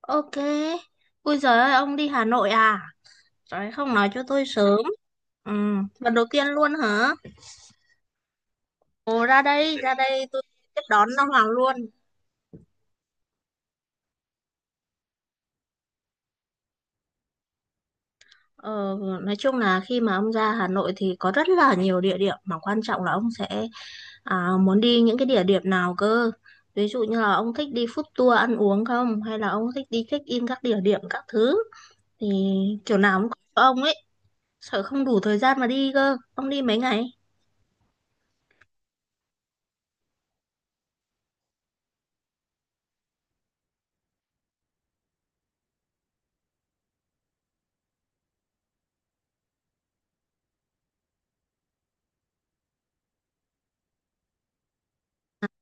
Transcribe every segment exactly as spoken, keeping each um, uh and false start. Ok. Ui giời ơi, ông đi Hà Nội à? Trời ơi, không nói cho tôi sớm. Ừ, lần đầu tiên luôn hả? Ồ, ra đây, ra đây tôi tiếp đón ông Hoàng luôn. Ờ, nói chung là khi mà ông ra Hà Nội thì có rất là nhiều địa điểm mà quan trọng là ông sẽ à, muốn đi những cái địa điểm nào cơ. Ví dụ như là ông thích đi food tour ăn uống không? Hay là ông thích đi check-in các địa điểm các thứ? Thì kiểu nào cũng có cho ông ấy. Sợ không đủ thời gian mà đi cơ. Ông đi mấy ngày?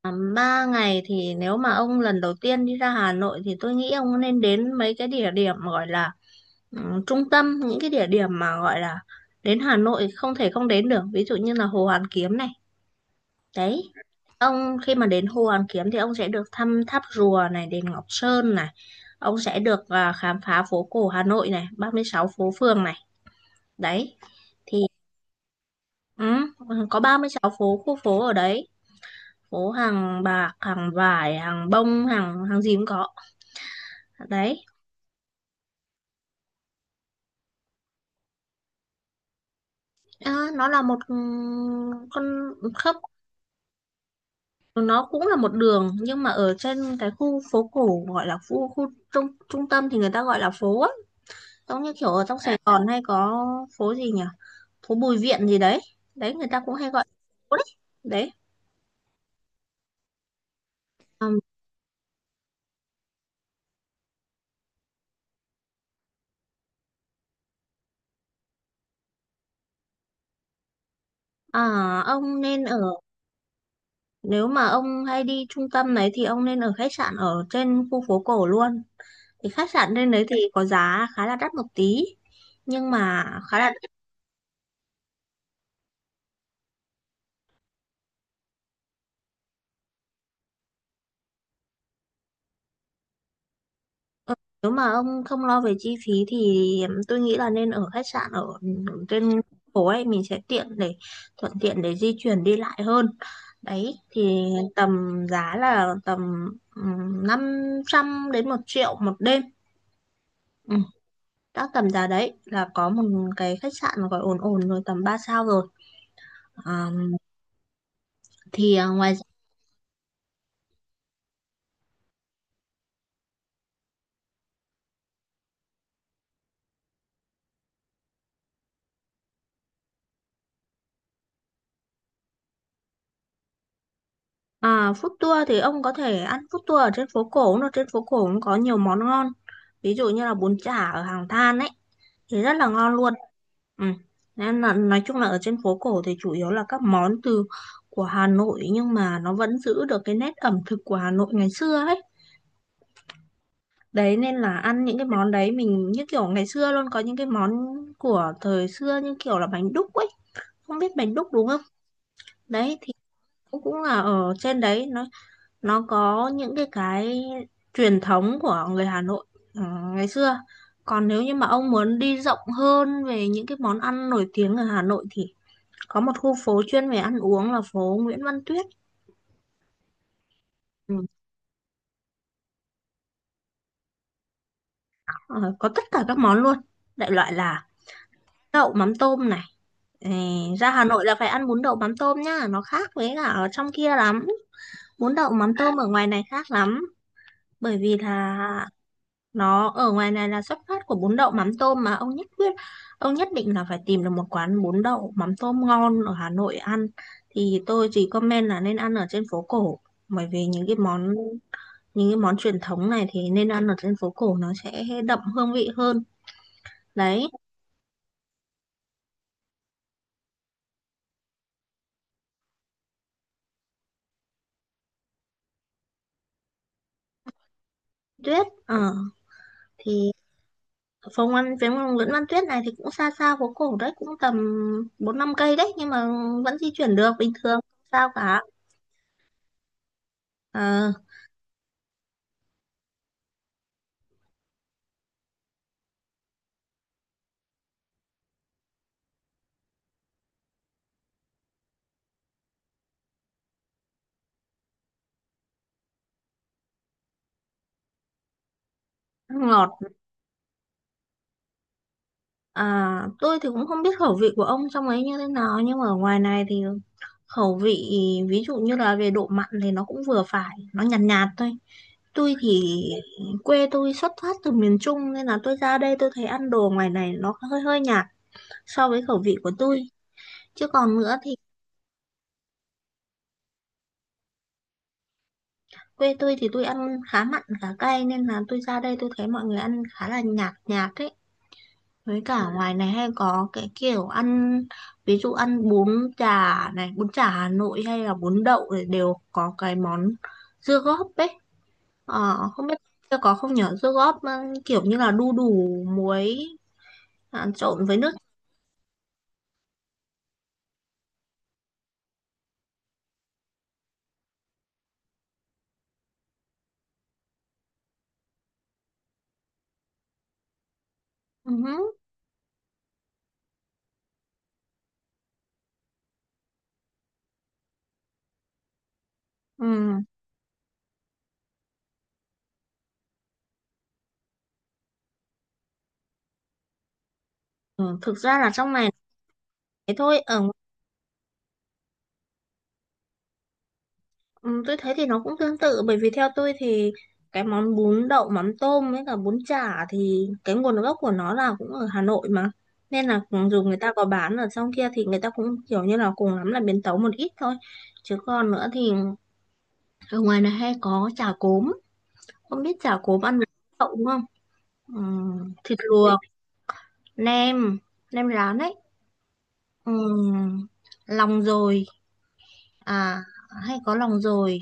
À, ba ngày thì nếu mà ông lần đầu tiên đi ra Hà Nội thì tôi nghĩ ông nên đến mấy cái địa điểm gọi là ừm, trung tâm, những cái địa điểm mà gọi là đến Hà Nội không thể không đến được, ví dụ như là Hồ Hoàn Kiếm này. Đấy, ông khi mà đến Hồ Hoàn Kiếm thì ông sẽ được thăm tháp rùa này, đền Ngọc Sơn này, ông sẽ được à, khám phá phố cổ Hà Nội này, ba mươi sáu phố phường này. Đấy thì ừ, có ba mươi sáu phố, khu phố ở đấy, phố hàng bạc, hàng vải, hàng bông, hàng hàng gì cũng có. Đấy. Ờ, nó là một, ừ, con khớp, nó cũng là một đường nhưng mà ở trên cái khu phố cổ gọi là khu khu trung trung tâm thì người ta gọi là phố á, giống như kiểu ở trong Sài À, Gòn hay có phố gì nhỉ, phố Bùi Viện gì đấy, đấy người ta cũng hay gọi phố đấy. Đấy. Ừm, à, ông nên ở, nếu mà ông hay đi trung tâm đấy thì ông nên ở khách sạn ở trên khu phố cổ luôn. Thì khách sạn trên đấy thì có giá khá là đắt một tí nhưng mà khá là... Nếu mà ông không lo về chi phí thì tôi nghĩ là nên ở khách sạn ở trên phố ấy, mình sẽ tiện để thuận tiện để di chuyển đi lại hơn. Đấy thì tầm giá là tầm ừm, năm trăm đến một triệu một đêm. Ừ, các tầm giá đấy là có một cái khách sạn gọi ổn ổn rồi, tầm ba sao rồi. À, thì à, ngoài ra- à, food tour thì ông có thể ăn food tour ở trên phố cổ, nó trên phố cổ cũng có nhiều món ngon. Ví dụ như là bún chả ở Hàng Than ấy thì rất là ngon luôn. Ừ. Nên là nói chung là ở trên phố cổ thì chủ yếu là các món từ của Hà Nội nhưng mà nó vẫn giữ được cái nét ẩm thực của Hà Nội ngày xưa ấy. Đấy nên là ăn những cái món đấy mình như kiểu ngày xưa luôn, có những cái món của thời xưa như kiểu là bánh đúc ấy, không biết bánh đúc đúng không? Đấy thì cũng cũng là ở trên đấy nó nó có những cái cái truyền thống của người Hà Nội, ừ, ngày xưa. Còn nếu như mà ông muốn đi rộng hơn về những cái món ăn nổi tiếng ở Hà Nội thì có một khu phố chuyên về ăn uống là phố Nguyễn Văn Tuyết. Ừ. Ờ, có tất cả các món luôn, đại loại là đậu mắm tôm này. Ờ, ra Hà Nội là phải ăn bún đậu mắm tôm nhá, nó khác với cả ở trong kia lắm, bún đậu mắm tôm ở ngoài này khác lắm, bởi vì là nó ở ngoài này là xuất phát của bún đậu mắm tôm mà. Ông nhất quyết, ông nhất định là phải tìm được một quán bún đậu mắm tôm ngon ở Hà Nội ăn, thì tôi chỉ comment là nên ăn ở trên phố cổ, bởi vì những cái món, những cái món truyền thống này thì nên ăn ở trên phố cổ, nó sẽ đậm hương vị hơn. Đấy. Tuyết, ờ, thì phòng ăn phía Nguyễn Văn Tuyết này thì cũng xa xa phố cổ đấy, cũng tầm bốn năm cây đấy nhưng mà vẫn di chuyển được bình thường không sao cả. Ờ, ăn ngọt. À, tôi thì cũng không biết khẩu vị của ông trong ấy như thế nào nhưng mà ở ngoài này thì khẩu vị ví dụ như là về độ mặn thì nó cũng vừa phải, nó nhạt nhạt thôi. Tôi thì quê tôi xuất phát từ miền Trung nên là tôi ra đây tôi thấy ăn đồ ngoài này nó hơi hơi nhạt so với khẩu vị của tôi. Chứ còn nữa thì quê tôi thì tôi ăn khá mặn khá cay nên là tôi ra đây tôi thấy mọi người ăn khá là nhạt nhạt ấy. Với cả ngoài này hay có cái kiểu ăn ví dụ ăn bún chả này, bún chả Hà Nội hay là bún đậu thì đều có cái món dưa góp ấy. Ờ, không biết có không nhở, dưa góp, ừ, kiểu như là đu đủ muối, à, trộn với nước. Ừ. Hứ. Ừ. Ừ. Thực ra là trong này thế thôi ở, ừ, tôi thấy thì nó cũng tương tự, bởi vì theo tôi thì cái món bún đậu mắm tôm với cả bún chả thì cái nguồn gốc của nó là cũng ở Hà Nội mà, nên là dù người ta có bán ở trong kia thì người ta cũng kiểu như là cùng lắm là biến tấu một ít thôi. Chứ còn nữa thì ở ngoài này hay có chả cốm, không biết chả cốm ăn với đậu đúng không. Ừ. Thịt luộc, nem, nem rán ấy, ừ, lòng dồi, à, hay có lòng dồi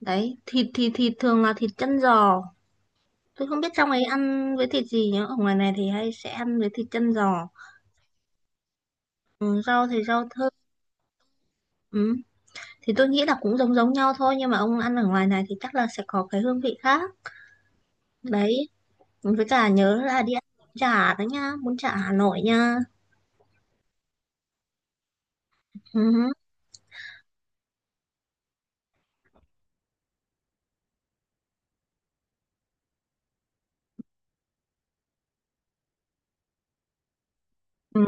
đấy. Thịt thì thịt thường là thịt chân giò, tôi không biết trong ấy ăn với thịt gì nhá, ở ngoài này thì hay sẽ ăn với thịt chân giò. Ừ, rau thì rau thơm. Ừ. Thì tôi nghĩ là cũng giống giống nhau thôi nhưng mà ông ăn ở ngoài này thì chắc là sẽ có cái hương vị khác. Đấy, với cả nhớ là đi ăn bún chả đó nha, bún chả Hà Nội nha. Ừ. Ừ.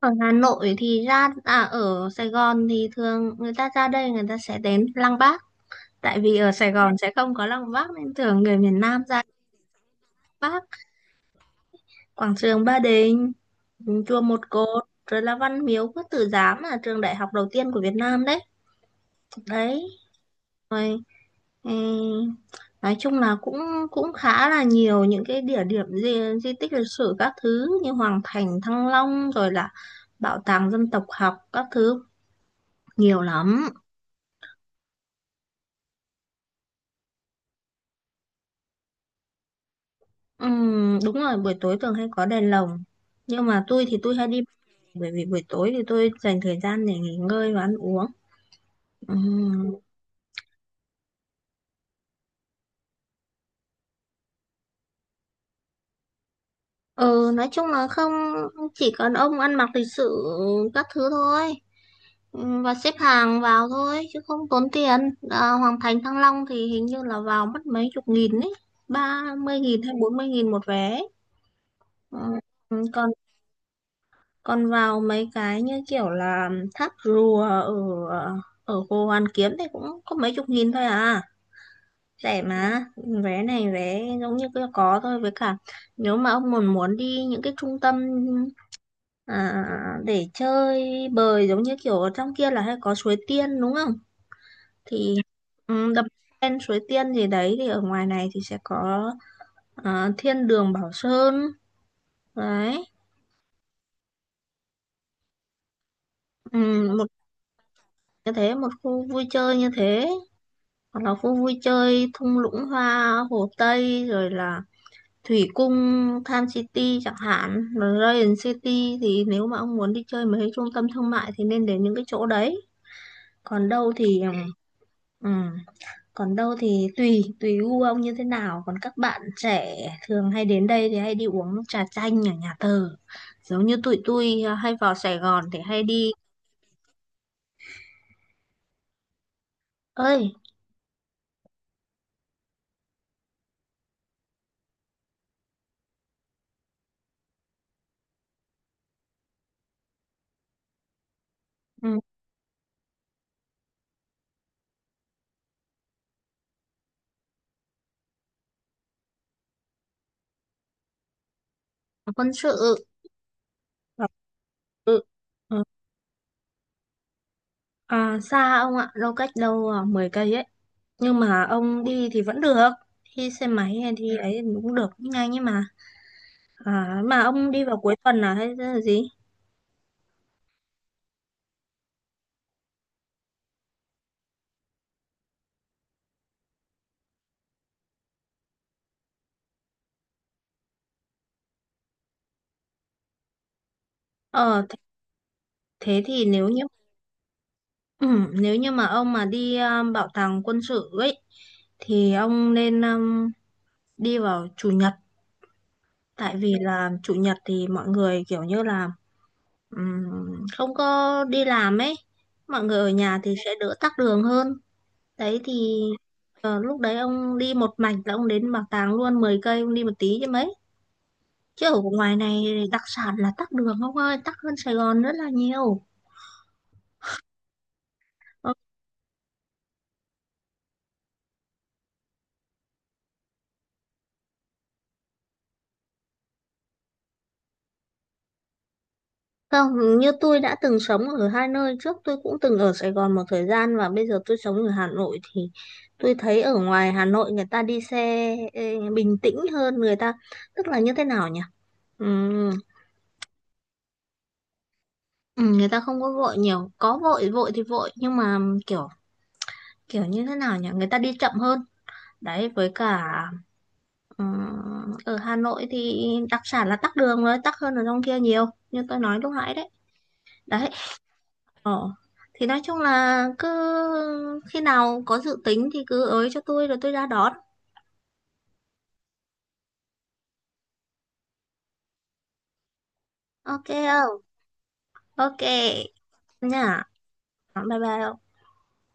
Ở Hà Nội thì ra, à, ở Sài Gòn thì thường người ta ra đây người ta sẽ đến Lăng Bác, tại vì ở Sài Gòn sẽ không có Lăng Bác nên thường người miền Nam ra Lăng Bác, quảng trường Ba Đình, chùa Một Cột, rồi là Văn Miếu Quốc Tử Giám là trường đại học đầu tiên của Việt Nam đấy. Đấy. Rồi, ừ, nói chung là cũng cũng khá là nhiều những cái địa điểm di, di tích lịch sử các thứ như Hoàng Thành Thăng Long rồi là bảo tàng dân tộc học các thứ, nhiều lắm. Ừm, đúng rồi, buổi tối thường hay có đèn lồng nhưng mà tôi thì tôi hay đi, bởi vì buổi tối thì tôi dành thời gian để nghỉ ngơi và ăn uống. Ừm. Ừ, nói chung là không, chỉ cần ông ăn mặc lịch sự các thứ thôi. Ừ, và xếp hàng vào thôi chứ không tốn tiền. À, Hoàng Thành Thăng Long thì hình như là vào mất mấy chục nghìn ấy, ba mươi nghìn hay bốn mươi nghìn một vé. Ừ, ừ, còn còn vào mấy cái như kiểu là tháp rùa ở ở Hồ Hoàn Kiếm thì cũng có mấy chục nghìn thôi à, rẻ mà. Vé này vé giống như cứ có thôi, với cả nếu mà ông muốn muốn đi những cái trung tâm, à, à, à, à, để chơi bời, giống như kiểu ở trong kia là hay có suối tiên đúng không? Thì, ừ, đập lên suối tiên gì đấy thì ở ngoài này thì sẽ có à, thiên đường Bảo Sơn. Đấy, ừ, một như thế, một khu vui chơi như thế, hoặc là khu vui chơi thung lũng hoa Hồ Tây rồi là Thủy Cung, Tham City chẳng hạn, rồi Radiant City. Thì nếu mà ông muốn đi chơi mấy cái trung tâm thương mại thì nên đến những cái chỗ đấy. Còn đâu thì, ừ, ừ. Còn đâu thì tùy, tùy gu ông như thế nào. Còn các bạn trẻ thường hay đến đây thì hay đi uống trà chanh ở nhà thờ. Giống như tụi tôi à, hay vào Sài Gòn thì hay đi. Ơi, ừ, quân sự. Ờ, ừ, ừ. À, xa ông ạ, đâu cách đâu à, mười cây ấy. Nhưng mà ông đi thì vẫn được. Đi xe máy hay đi ấy thì cũng được, cũng nhanh ấy mà. À, mà ông đi vào cuối tuần là hay là gì? Ờ, thế thế thì nếu như... Ừ, nếu như mà ông mà đi um, bảo tàng quân sự ấy thì ông nên um, đi vào chủ nhật, tại vì là chủ nhật thì mọi người kiểu như là, ừm, không có đi làm ấy, mọi người ở nhà thì sẽ đỡ tắc đường hơn. Đấy thì ờ, lúc đấy ông đi một mạch là ông đến bảo tàng luôn, mười cây ông đi một tí chứ mấy, chứ ở ngoài này đặc sản là tắc đường ông ơi, tắc hơn Sài Gòn rất là nhiều. Không, như tôi đã từng sống ở hai nơi trước, tôi cũng từng ở Sài Gòn một thời gian và bây giờ tôi sống ở Hà Nội thì tôi thấy ở ngoài Hà Nội người ta đi xe ê, bình tĩnh hơn người ta, tức là như thế nào nhỉ? Ừm, ừm, người ta không có vội nhiều, có vội vội thì vội nhưng mà kiểu kiểu như thế nào nhỉ? Người ta đi chậm hơn. Đấy với cả ừm, ở Hà Nội thì đặc sản là tắc đường rồi, tắc hơn ở trong kia nhiều, như tôi nói lúc nãy đấy. Đấy. Ờ. Thì nói chung là cứ khi nào có dự tính thì cứ ới cho tôi rồi tôi ra đón. Ok không? Ok nha. Bye bye.